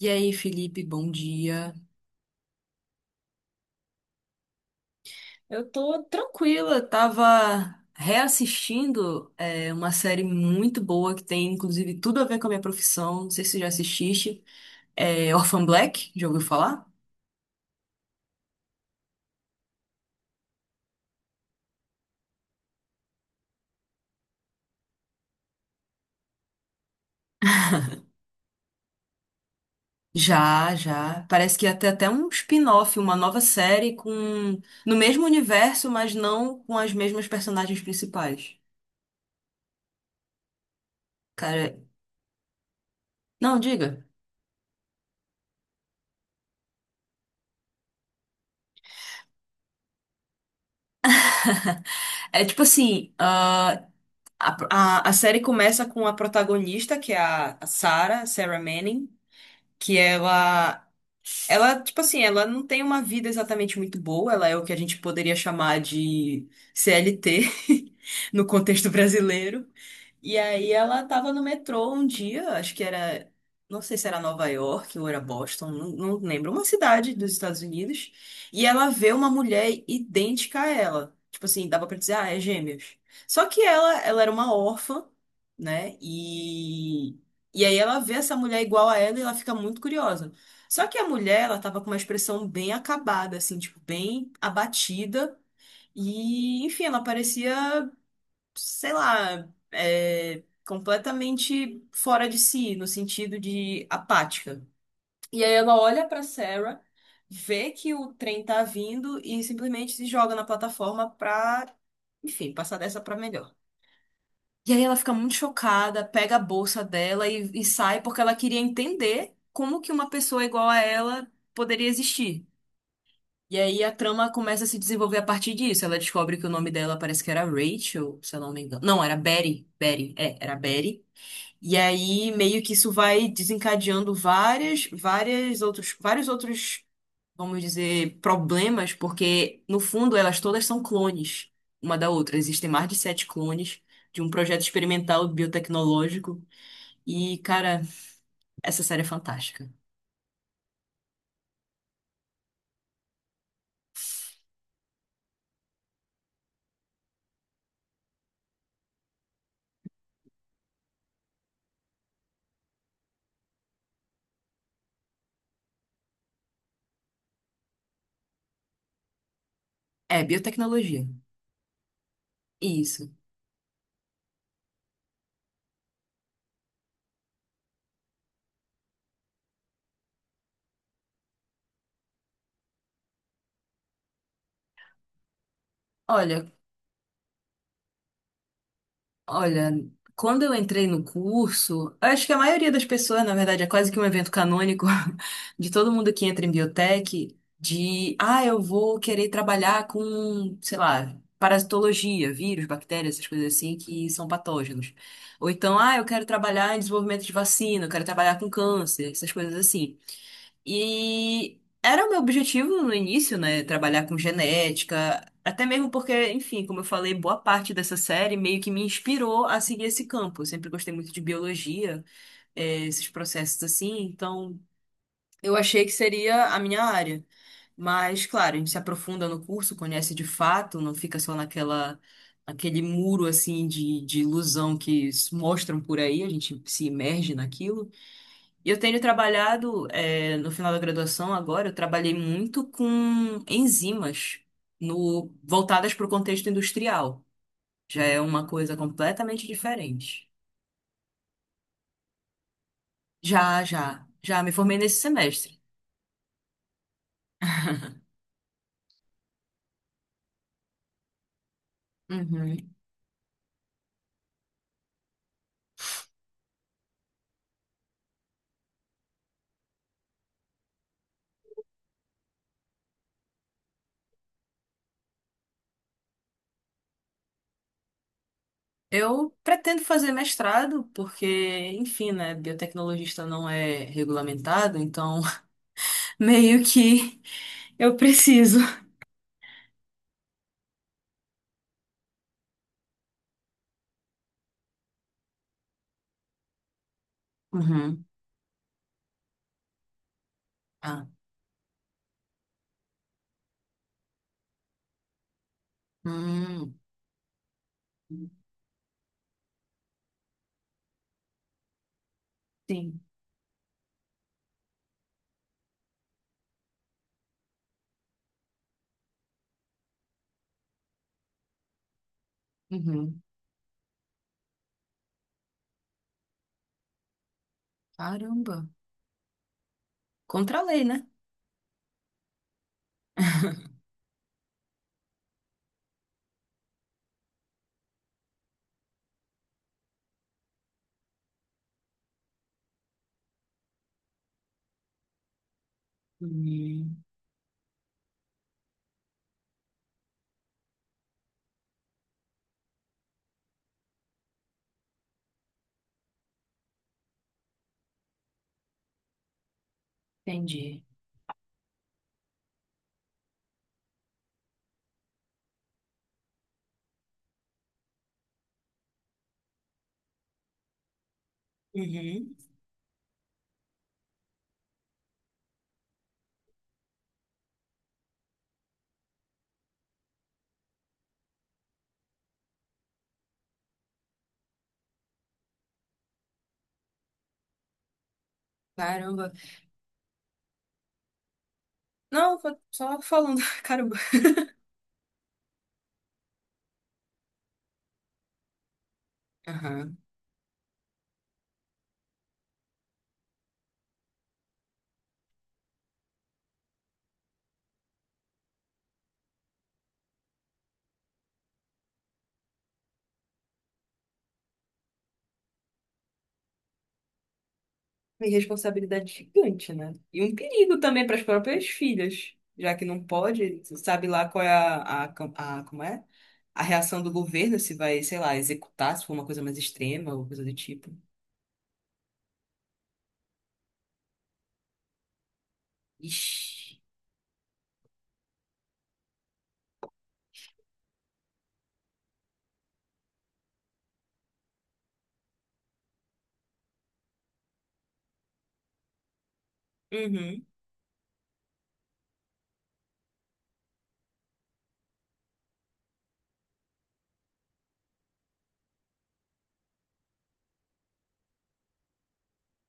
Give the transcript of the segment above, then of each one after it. E aí, Felipe, bom dia. Eu tô tranquila, tava reassistindo uma série muito boa que tem inclusive tudo a ver com a minha profissão. Não sei se você já assististe. É Orphan Black, já ouviu falar? Já, já. Parece que é até um spin-off, uma nova série com no mesmo universo, mas não com as mesmas personagens principais. Cara, não, diga. É tipo assim, A, a série começa com a protagonista, que é a Sarah, Sarah Manning, que ela não tem uma vida exatamente muito boa, ela é o que a gente poderia chamar de CLT no contexto brasileiro. E aí ela tava no metrô um dia, não sei se era Nova York ou era Boston, não lembro, uma cidade dos Estados Unidos, e ela vê uma mulher idêntica a ela. Tipo assim, dava pra dizer, ah, é gêmeos. Só que ela era uma órfã, né? E aí ela vê essa mulher igual a ela e ela fica muito curiosa. Só que a mulher, ela tava com uma expressão bem acabada, assim, tipo, bem abatida. E, enfim, ela parecia sei lá, completamente fora de si, no sentido de apática. E aí ela olha pra Sarah, vê que o trem tá vindo e simplesmente se joga na plataforma pra, enfim, passar dessa pra melhor. E aí ela fica muito chocada, pega a bolsa dela e sai porque ela queria entender como que uma pessoa igual a ela poderia existir. E aí a trama começa a se desenvolver a partir disso. Ela descobre que o nome dela parece que era Rachel, se eu não me engano. Não, era Betty. Betty, era Betty. E aí meio que isso vai desencadeando vários outros, vamos dizer, problemas, porque no fundo elas todas são clones uma da outra. Existem mais de sete clones de um projeto experimental biotecnológico. E, cara, essa série é fantástica. É, biotecnologia. Isso. Olha, Olha, quando eu entrei no curso, acho que a maioria das pessoas, na verdade, é quase que um evento canônico de todo mundo que entra em biotech, de, ah, eu vou querer trabalhar com, sei lá, parasitologia, vírus, bactérias, essas coisas assim que são patógenos. Ou então, ah, eu quero trabalhar em desenvolvimento de vacina, eu quero trabalhar com câncer, essas coisas assim. E era o meu objetivo no início, né? Trabalhar com genética, até mesmo porque, enfim, como eu falei, boa parte dessa série meio que me inspirou a seguir esse campo. Eu sempre gostei muito de biologia, esses processos assim, então eu achei que seria a minha área. Mas, claro, a gente se aprofunda no curso, conhece de fato, não fica só naquela. Aquele muro assim de ilusão que s- mostram por aí, a gente se imerge naquilo. E eu tenho trabalhado, no final da graduação agora, eu trabalhei muito com enzimas no, voltadas para o contexto industrial. Já é uma coisa completamente diferente. Já, já, me formei nesse semestre. Uhum. Eu pretendo fazer mestrado, porque, enfim, né, biotecnologista não é regulamentado, então meio que eu preciso. Uhum. Ah. Hum. Sim. Uhum. Caramba. Contra a lei, né? Hum, entendi. Uhum. Caramba. Não, só falando, caramba. Aham. Uma responsabilidade gigante, né? E um perigo também para as próprias filhas, já que não pode, sabe lá qual é como é? A reação do governo, se vai, sei lá, executar, se for uma coisa mais extrema ou coisa do tipo. Ixi. Uhum.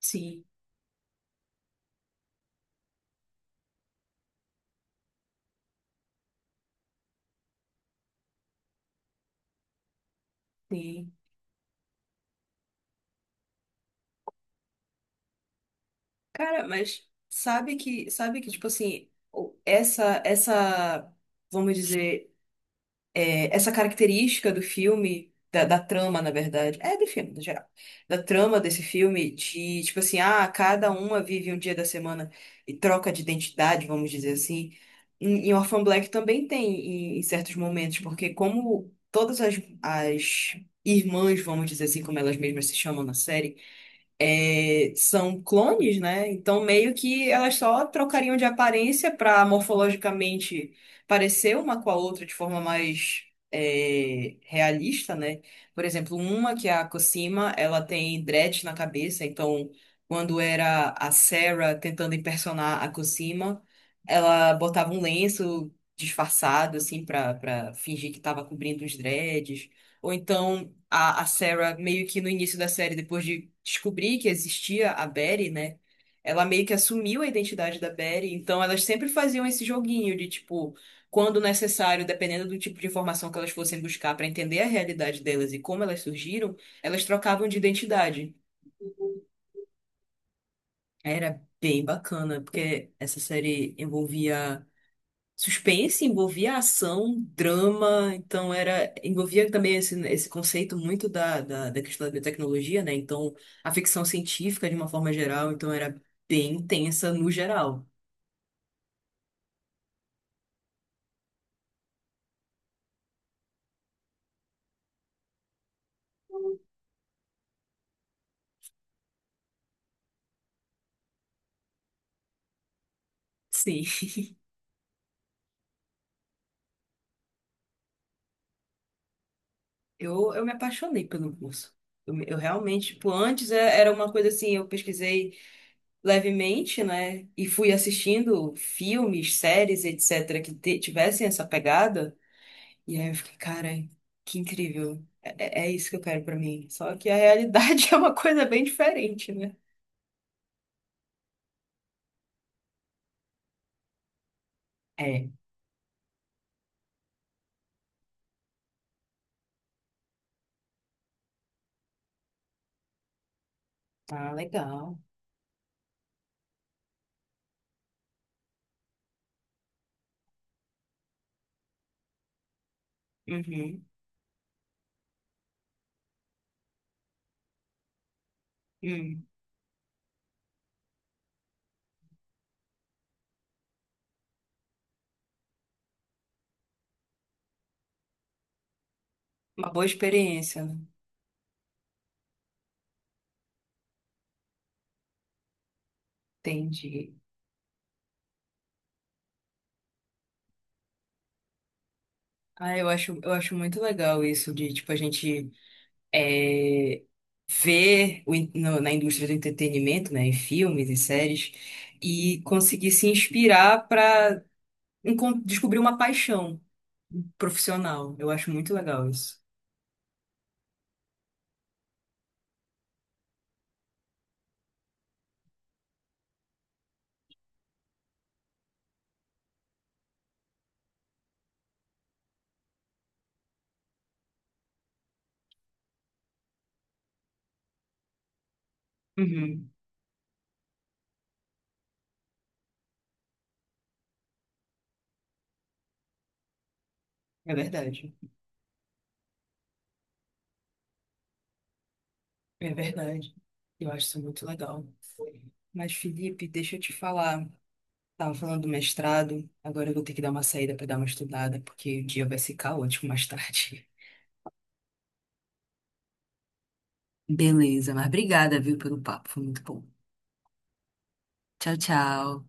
Sim. Sim. Cara, mas sabe que, tipo assim, o- essa, vamos dizer. É, essa característica do filme, da trama, na verdade, é do filme, no geral, da trama desse filme, de tipo assim, ah, cada uma vive um dia da semana e troca de identidade, vamos dizer assim. Em Orphan Black também tem em certos momentos, porque como todas as, as irmãs, vamos dizer assim, como elas mesmas se chamam na série, são clones, né? Então, meio que elas só trocariam de aparência para morfologicamente parecer uma com a outra de forma mais realista, né? Por exemplo, uma que é a Cosima, ela tem dread na cabeça, então, quando era a Sarah tentando impersonar a Cosima, ela botava um lenço disfarçado, assim, para fingir que estava cobrindo os dreads. Ou então a Sarah, meio que no início da série, depois de descobrir que existia a Betty, né? Ela meio que assumiu a identidade da Betty, então elas sempre faziam esse joguinho de tipo, quando necessário, dependendo do tipo de informação que elas fossem buscar para entender a realidade delas e como elas surgiram, elas trocavam de identidade. Era bem bacana, porque essa série envolvia. Suspense envolvia ação, drama, então era envolvia também esse conceito muito da questão da biotecnologia, né? Então, a ficção científica de uma forma geral, então era bem intensa no geral. Sim, eu me apaixonei pelo curso. Eu realmente, tipo, antes era uma coisa assim, eu pesquisei levemente, né? E fui assistindo filmes, séries, etc., que tivessem essa pegada. E aí eu fiquei, cara, que incrível. É isso que eu quero pra mim. Só que a realidade é uma coisa bem diferente, né? É, tá legal. Uhum. Hum. Uma boa experiência, né? Entendi. Ah, eu acho muito legal isso de, tipo, a gente é, ver o in- no- na indústria do entretenimento, né, em filmes e séries, e conseguir se inspirar para descobrir uma paixão profissional. Eu acho muito legal isso. Uhum. É verdade. É verdade. Eu acho isso muito legal. Mas, Felipe, deixa eu te falar. Tava falando do mestrado, agora eu vou ter que dar uma saída para dar uma estudada, porque o dia vai ser caótico mais tarde. Beleza, mas obrigada, viu, pelo papo. Foi muito bom. Tchau, tchau.